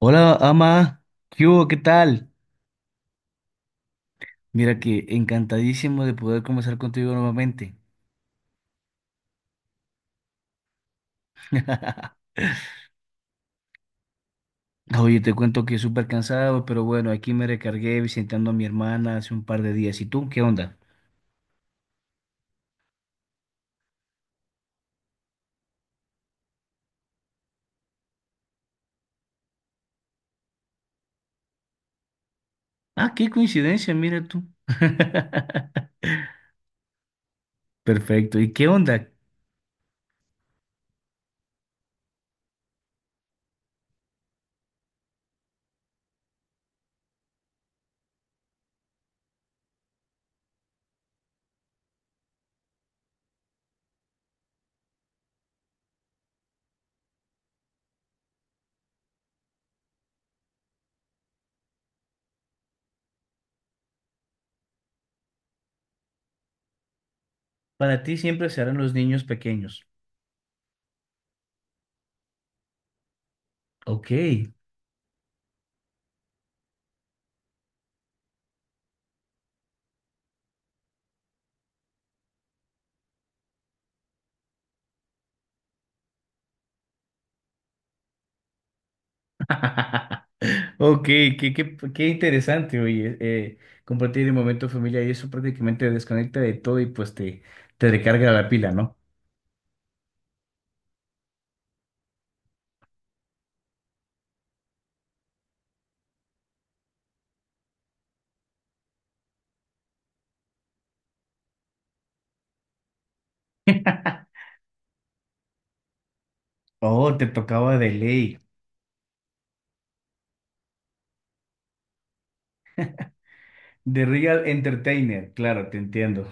Hola, Ama. ¿Qué hubo? ¿Qué tal? Mira que encantadísimo de poder conversar contigo nuevamente. Oye, te cuento que súper cansado, pero bueno, aquí me recargué visitando a mi hermana hace un par de días. ¿Y tú? ¿Qué onda? Ah, qué coincidencia, mira tú. Perfecto. ¿Y qué onda? Para ti siempre serán los niños pequeños. Ok. Ok, qué interesante, oye. Compartir el momento familiar y eso prácticamente te desconecta de todo y te recarga la pila, ¿no? Oh, te tocaba de ley. The Real Entertainer, claro, te entiendo.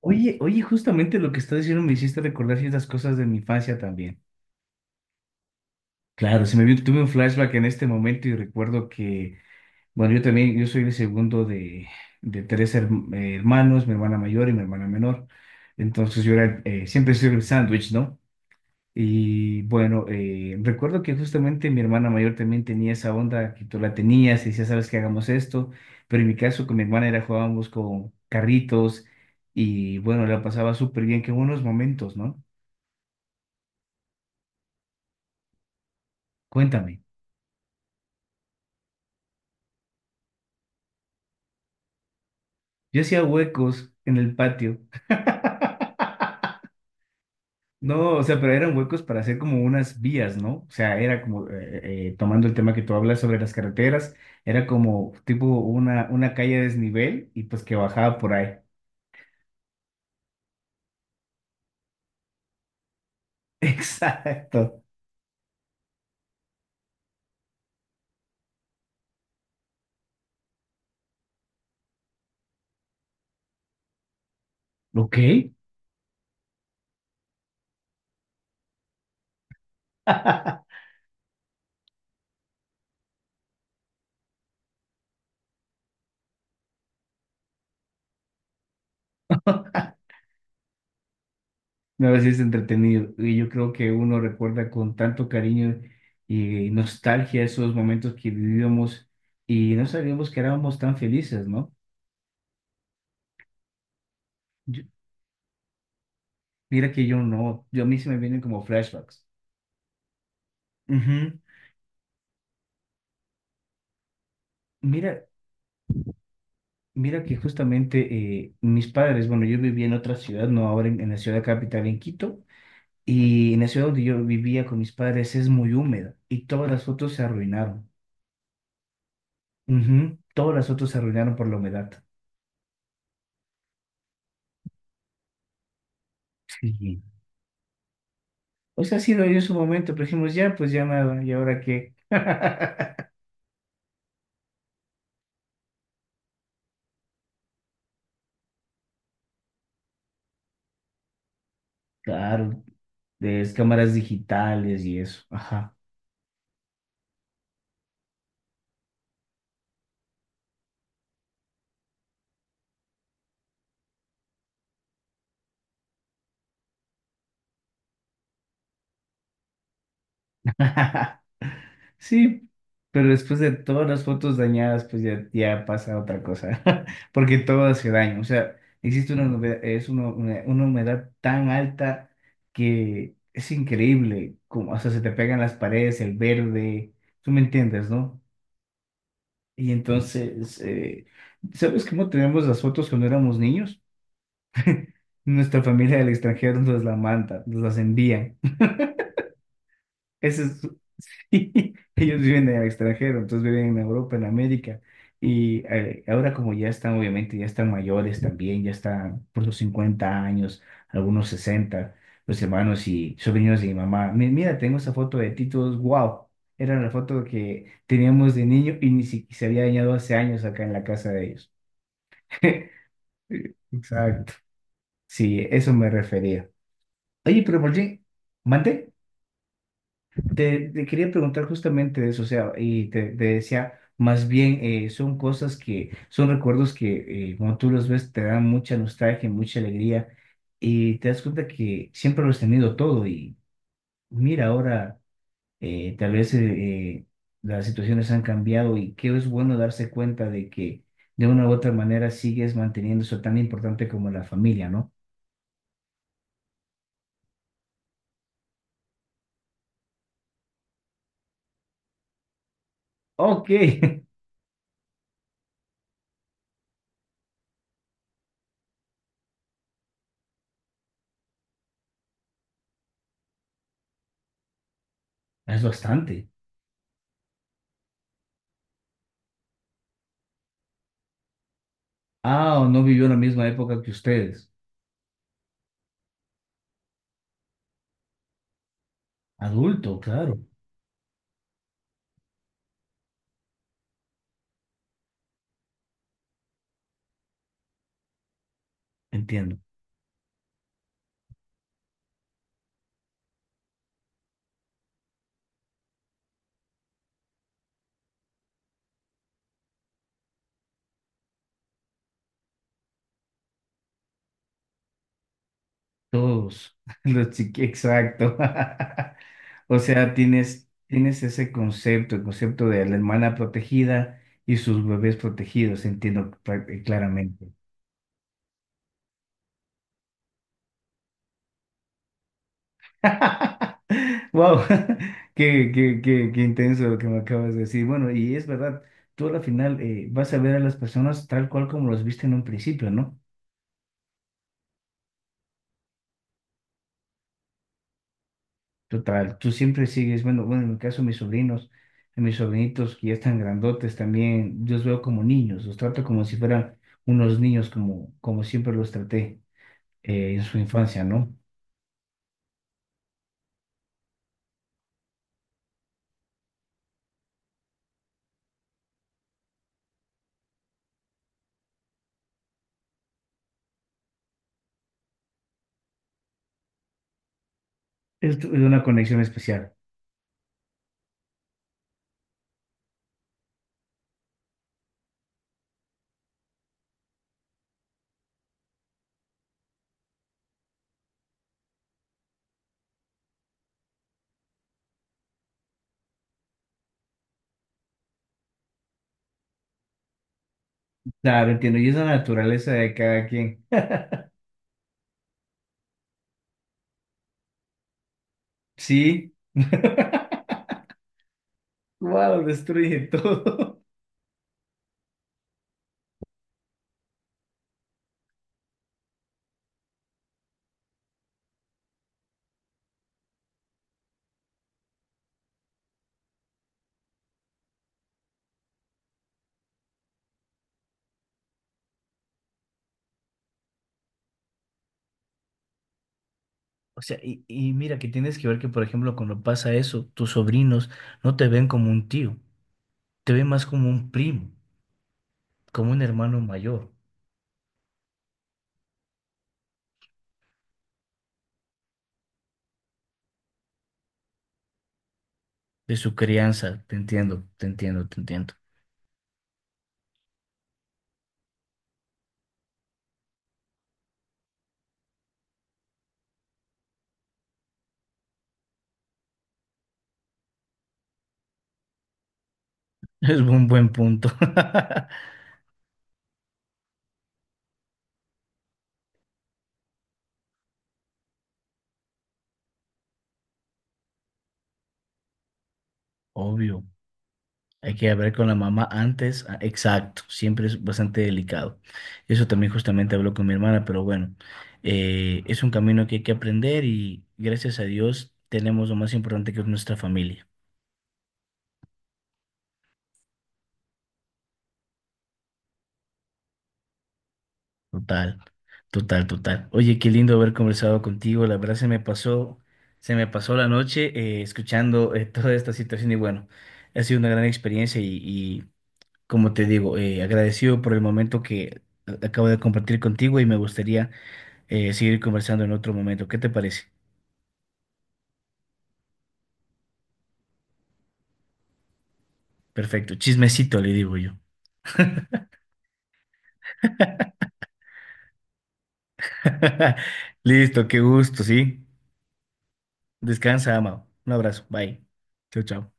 Oye, justamente lo que estás diciendo me hiciste recordar ciertas cosas de mi infancia también. Claro, se me vino, tuve un flashback en este momento y recuerdo que, bueno, yo también, yo soy el segundo de hermanos, mi hermana mayor y mi hermana menor. Entonces yo era, siempre soy el sándwich, ¿no? Y bueno, recuerdo que justamente mi hermana mayor también tenía esa onda que tú la tenías y decía, sabes que hagamos esto, pero en mi caso con mi hermana era jugábamos con carritos y bueno, la pasaba súper bien, qué buenos momentos, ¿no? Cuéntame, yo hacía huecos en el patio. No, o sea, pero eran huecos para hacer como unas vías, ¿no? O sea, era como, tomando el tema que tú hablas sobre las carreteras, era como tipo una calle a desnivel y pues que bajaba por ahí. Exacto. Ok. No, a veces es entretenido. Y yo creo que uno recuerda con tanto cariño y nostalgia esos momentos que vivíamos y no sabíamos que éramos tan felices, ¿no? Yo- Mira que yo no, yo a mí se me vienen como flashbacks. Ujú. Mira, mira que justamente mis padres, bueno, yo vivía en otra ciudad, no ahora en la ciudad capital, en Quito, y en la ciudad donde yo vivía con mis padres es muy húmeda y todas las fotos se arruinaron. Ujú. Todas las fotos se arruinaron por la humedad. Sí, o sea, sí dolió en su momento, pero dijimos, ya, pues ya nada, ¿y ahora qué? Claro, de las cámaras digitales y eso. Ajá. Sí, pero después de todas las fotos dañadas, pues ya, ya pasa otra cosa. Porque todo hace daño. O sea, existe una humedad, es una humedad tan alta que es increíble, como, o sea, se te pegan las paredes, el verde, tú me entiendes, ¿no? Y entonces, ¿sabes cómo tenemos las fotos cuando éramos niños? Nuestra familia del extranjero nos las manda, nos las envían. Ese es- Ellos viven en el extranjero, entonces viven en Europa, en América. Y ahora como ya están, obviamente, ya están mayores también, ya están por sus 50 años, algunos 60 los hermanos y sobrinos de mi mamá. Mi- Mira, tengo esa foto de Titos, wow. Era la foto que teníamos de niño y ni siquiera se había dañado hace años acá en la casa de ellos. Exacto. Sí, eso me refería. Oye, pero por qué, mande, te quería preguntar justamente de eso, o sea, te decía, más bien son cosas que, son recuerdos que cuando tú los ves te dan mucha nostalgia, mucha alegría, y te das cuenta que siempre lo has tenido todo, y mira, ahora tal vez las situaciones han cambiado, y que es bueno darse cuenta de que de una u otra manera sigues manteniendo eso tan importante como la familia, ¿no? Ok. Es bastante. Ah, o no vivió la misma época que ustedes. Adulto, claro. Entiendo. Todos. Los chiqui, exacto. O sea, tienes ese concepto, el concepto de la hermana protegida y sus bebés protegidos, entiendo claramente. Wow, qué intenso lo que me acabas de decir. Bueno, y es verdad, tú a la final vas a ver a las personas tal cual como las viste en un principio, ¿no? Total, tú siempre sigues, bueno, en mi caso mis sobrinos, a mis sobrinitos que ya están grandotes también, yo los veo como niños, los trato como si fueran unos niños, como siempre los traté en su infancia, ¿no? Es, tu- es una conexión especial. Claro, entiendo, y es la naturaleza de cada quien. Sí. Wow, destruye todo. O sea, y mira que tienes que ver que, por ejemplo, cuando pasa eso, tus sobrinos no te ven como un tío, te ven más como un primo, como un hermano mayor. De su crianza. Te entiendo, te entiendo, te entiendo. Es un buen punto. Obvio. Hay que hablar con la mamá antes. Ah, exacto. Siempre es bastante delicado. Eso también justamente hablo con mi hermana, pero bueno, es un camino que hay que aprender y gracias a Dios tenemos lo más importante que es nuestra familia. Total, total, total. Oye, qué lindo haber conversado contigo. La verdad se me pasó la noche escuchando toda esta situación y bueno, ha sido una gran experiencia y, como te digo, agradecido por el momento que acabo de compartir contigo y me gustaría seguir conversando en otro momento. ¿Qué te parece? Perfecto, chismecito le digo yo. Listo, qué gusto, ¿sí? Descansa, Amado. Un abrazo, bye. Chao, chao.